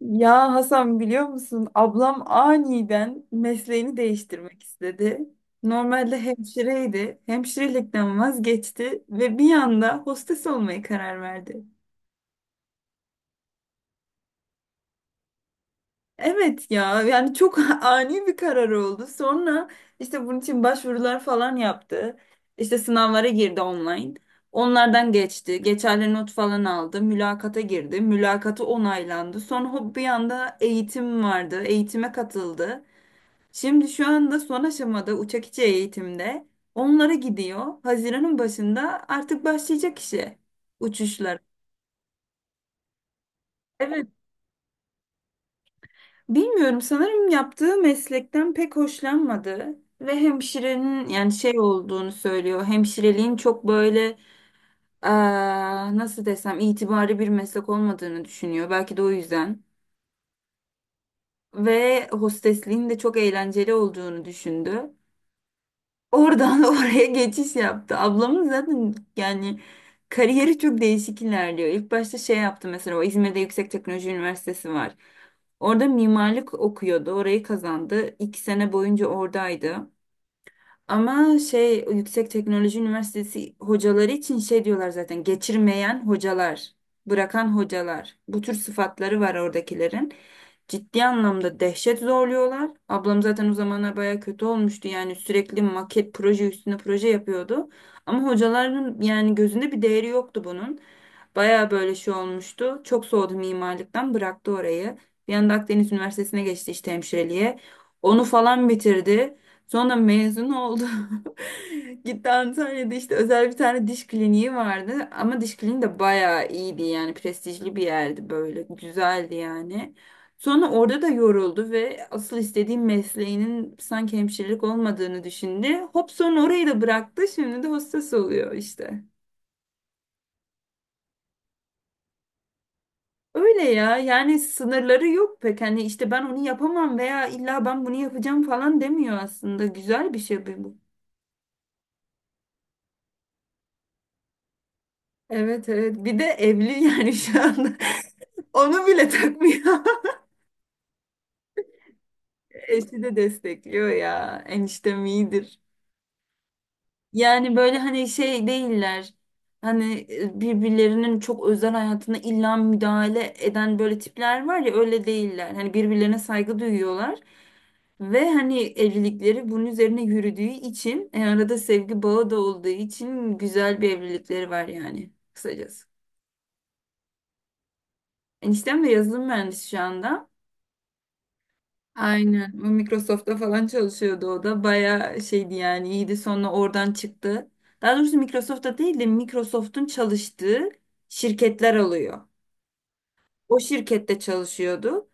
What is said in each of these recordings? Ya Hasan biliyor musun? Ablam aniden mesleğini değiştirmek istedi. Normalde hemşireydi. Hemşirelikten vazgeçti ve bir anda hostes olmaya karar verdi. Evet ya yani çok ani bir karar oldu. Sonra işte bunun için başvurular falan yaptı. İşte sınavlara girdi online. Onlardan geçti. Geçerli not falan aldı. Mülakata girdi. Mülakatı onaylandı. Sonra hop bir anda eğitim vardı. Eğitime katıldı. Şimdi şu anda son aşamada uçak içi eğitimde onlara gidiyor. Haziran'ın başında artık başlayacak işe uçuşlar. Evet, bilmiyorum sanırım yaptığı meslekten pek hoşlanmadı ve hemşirenin yani şey olduğunu söylüyor. Hemşireliğin çok böyle eee, nasıl desem itibarlı bir meslek olmadığını düşünüyor. Belki de o yüzden. Ve hostesliğin de çok eğlenceli olduğunu düşündü. Oradan oraya geçiş yaptı. Ablamın zaten yani kariyeri çok değişik ilerliyor. İlk başta şey yaptı mesela o İzmir'de Yüksek Teknoloji Üniversitesi var. Orada mimarlık okuyordu. Orayı kazandı. İki sene boyunca oradaydı. Ama şey Yüksek Teknoloji Üniversitesi hocaları için şey diyorlar zaten geçirmeyen hocalar, bırakan hocalar. Bu tür sıfatları var oradakilerin. Ciddi anlamda dehşet zorluyorlar. Ablam zaten o zamanlar baya kötü olmuştu. Yani sürekli maket proje üstüne proje yapıyordu. Ama hocaların yani gözünde bir değeri yoktu bunun. Baya böyle şey olmuştu. Çok soğudu mimarlıktan bıraktı orayı. Bir anda Akdeniz Üniversitesi'ne geçti işte hemşireliğe. Onu falan bitirdi. Sonra mezun oldu. Gitti Antalya'da işte özel bir tane diş kliniği vardı. Ama diş kliniği de bayağı iyiydi yani prestijli bir yerdi böyle. Güzeldi yani. Sonra orada da yoruldu ve asıl istediğim mesleğinin sanki hemşirelik olmadığını düşündü. Hop sonra orayı da bıraktı. Şimdi de hostes oluyor işte. Öyle ya yani sınırları yok pek. Hani işte ben onu yapamam veya illa ben bunu yapacağım falan demiyor aslında. Güzel bir şey bu. Evet evet, bir de evli yani şu anda onu bile takmıyor. Eşi de destekliyor ya eniştem iyidir. Yani böyle hani şey değiller hani birbirlerinin çok özel hayatına illa müdahale eden böyle tipler var ya öyle değiller. Hani birbirlerine saygı duyuyorlar ve hani evlilikleri bunun üzerine yürüdüğü için arada sevgi bağı da olduğu için güzel bir evlilikleri var yani kısacası. Eniştem de yazılım mühendisi şu anda. Aynen. O Microsoft'ta falan çalışıyordu o da. Bayağı şeydi yani iyiydi. Sonra oradan çıktı. Daha doğrusu Microsoft'ta değil de Microsoft'un çalıştığı şirketler oluyor. O şirkette çalışıyordu.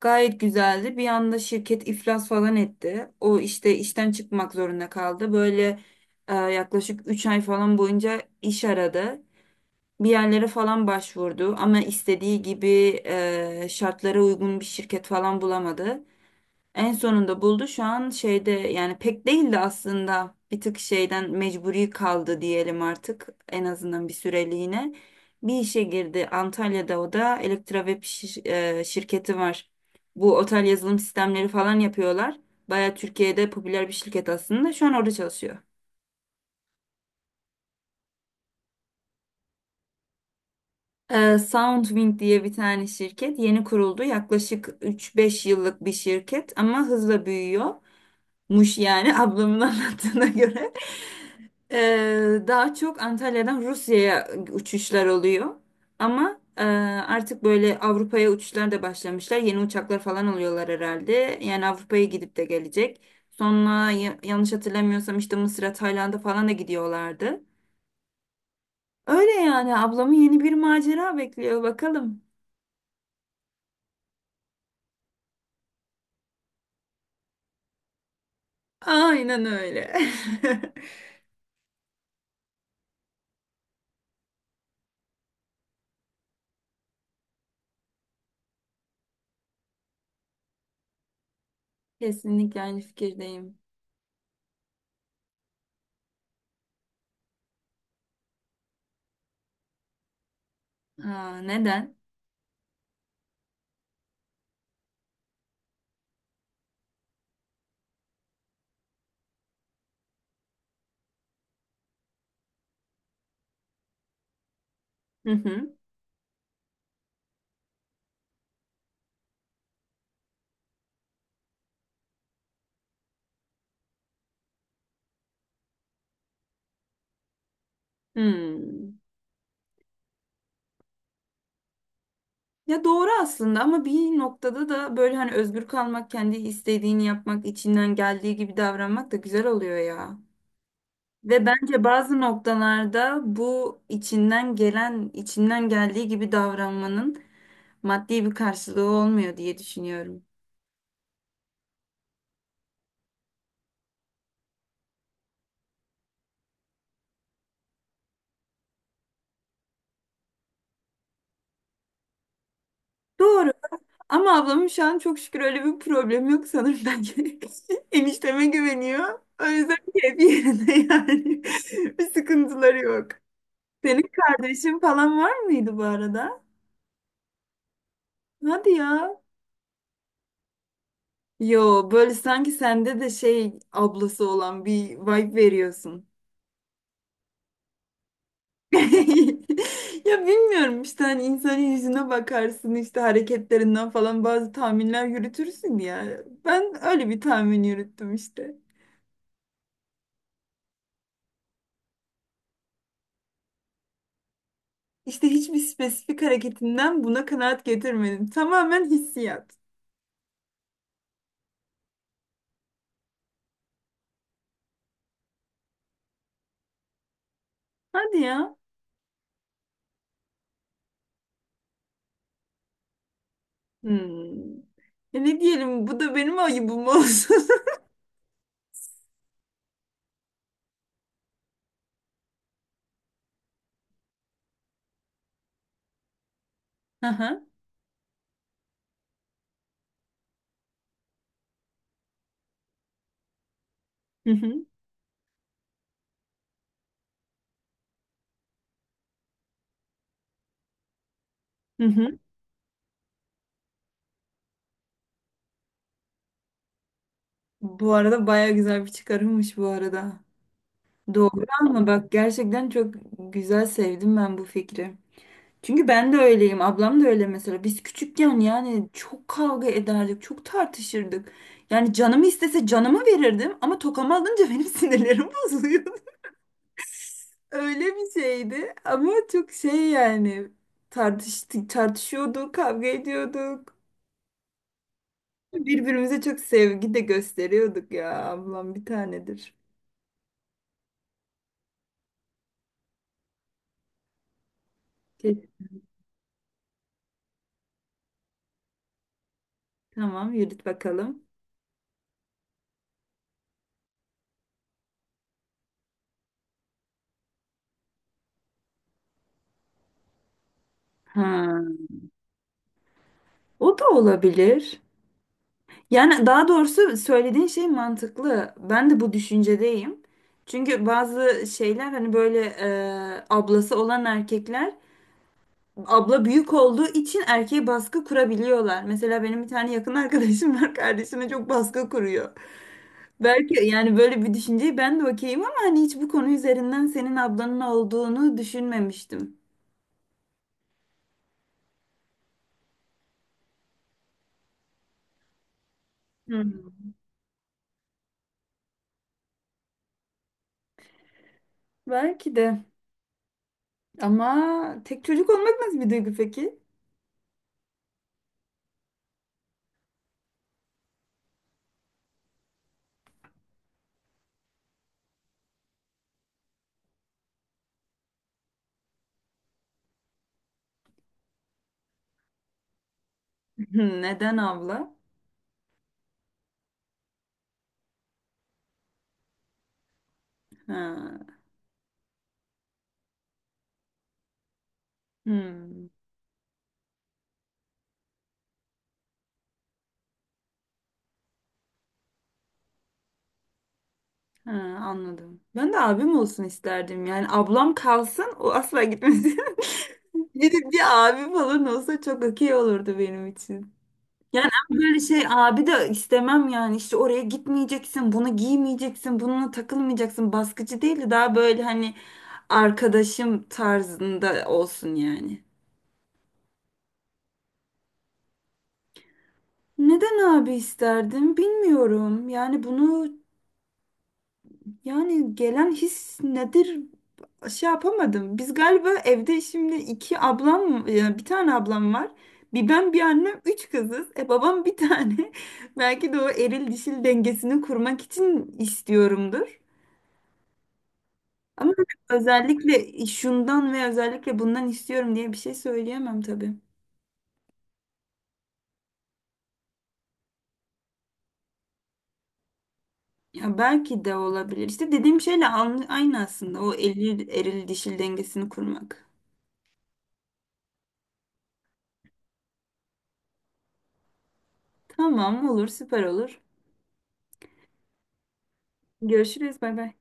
Gayet güzeldi. Bir anda şirket iflas falan etti. O işte işten çıkmak zorunda kaldı. Böyle yaklaşık 3 ay falan boyunca iş aradı. Bir yerlere falan başvurdu ama istediği gibi şartlara uygun bir şirket falan bulamadı. En sonunda buldu. Şu an şeyde yani pek değildi aslında. Bir tık şeyden mecburi kaldı diyelim artık. En azından bir süreliğine. Bir işe girdi. Antalya'da o da şirketi var. Bu otel yazılım sistemleri falan yapıyorlar. Baya Türkiye'de popüler bir şirket aslında. Şu an orada çalışıyor. Soundwing diye bir tane şirket yeni kuruldu. Yaklaşık 3-5 yıllık bir şirket ama hızla büyüyor muş yani ablamın anlattığına göre. Daha çok Antalya'dan Rusya'ya uçuşlar oluyor. Ama artık böyle Avrupa'ya uçuşlar da başlamışlar. Yeni uçaklar falan alıyorlar herhalde. Yani Avrupa'ya gidip de gelecek. Sonra yanlış hatırlamıyorsam işte Mısır'a, Tayland'a falan da gidiyorlardı. Öyle yani ablamı yeni bir macera bekliyor bakalım. Aynen öyle. Kesinlikle aynı fikirdeyim. Ha, neden? Hı hı. Hmm. Ya doğru aslında ama bir noktada da böyle hani özgür kalmak, kendi istediğini yapmak, içinden geldiği gibi davranmak da güzel oluyor ya. Ve bence bazı noktalarda bu içinden gelen, içinden geldiği gibi davranmanın maddi bir karşılığı olmuyor diye düşünüyorum. Doğru. Ama ablamın şu an çok şükür öyle bir problem yok sanırım bence. Enişteme güveniyor. O yüzden keyfi yerinde yani. Bir sıkıntıları yok. Senin kardeşin falan var mıydı bu arada? Hadi ya. Yo böyle sanki sende de şey ablası olan bir vibe veriyorsun. Ya bilmiyorum işte hani insanın yüzüne bakarsın işte hareketlerinden falan bazı tahminler yürütürsün ya. Ben öyle bir tahmin yürüttüm işte. İşte hiçbir spesifik hareketinden buna kanaat getirmedim. Tamamen hissiyat. Hadi ya. Hmm. E ne diyelim bu da benim ayıbım olsun. Aha. Hı hı. Hı hı. Bu arada baya güzel bir çıkarımmış bu arada. Doğru ama bak gerçekten çok güzel sevdim ben bu fikri. Çünkü ben de öyleyim. Ablam da öyle mesela. Biz küçükken yani çok kavga ederdik, çok tartışırdık. Yani canımı istese canımı verirdim ama tokamı alınca benim sinirlerim bozuluyordu. Öyle bir şeydi ama çok şey yani tartıştık, tartışıyorduk, kavga ediyorduk. Birbirimize çok sevgi de gösteriyorduk ya. Ablam bir tanedir. Ke- Tamam yürüt bakalım. Ha, o da olabilir. Yani daha doğrusu söylediğin şey mantıklı. Ben de bu düşüncedeyim. Çünkü bazı şeyler hani böyle ablası olan erkekler abla büyük olduğu için erkeğe baskı kurabiliyorlar. Mesela benim bir tane yakın arkadaşım var kardeşime çok baskı kuruyor. Belki yani böyle bir düşünceyi ben de okeyim ama hani hiç bu konu üzerinden senin ablanın olduğunu düşünmemiştim. Hmm. Belki de ama tek çocuk olmak nasıl bir duygu peki? Neden abla? Ha. Hmm. Ha, anladım. Ben de abim olsun isterdim. Yani ablam kalsın, o asla gitmesin. Bir abi falan olsa çok okey olurdu benim için. Yani ama böyle şey abi de istemem yani işte oraya gitmeyeceksin, bunu giymeyeceksin, bununla takılmayacaksın. Baskıcı değil de daha böyle hani arkadaşım tarzında olsun yani. Neden abi isterdim bilmiyorum. Yani bunu yani gelen his nedir şey yapamadım. Biz galiba evde şimdi iki ablam, bir tane ablam var. Bir ben bir annem üç kızız. E babam bir tane. Belki de o eril dişil dengesini kurmak için istiyorumdur. Ama özellikle şundan ve özellikle bundan istiyorum diye bir şey söyleyemem tabii. Ya belki de olabilir. İşte dediğim şeyle aynı aslında o eril dişil dengesini kurmak. Tamam olur süper olur. Görüşürüz bay bay.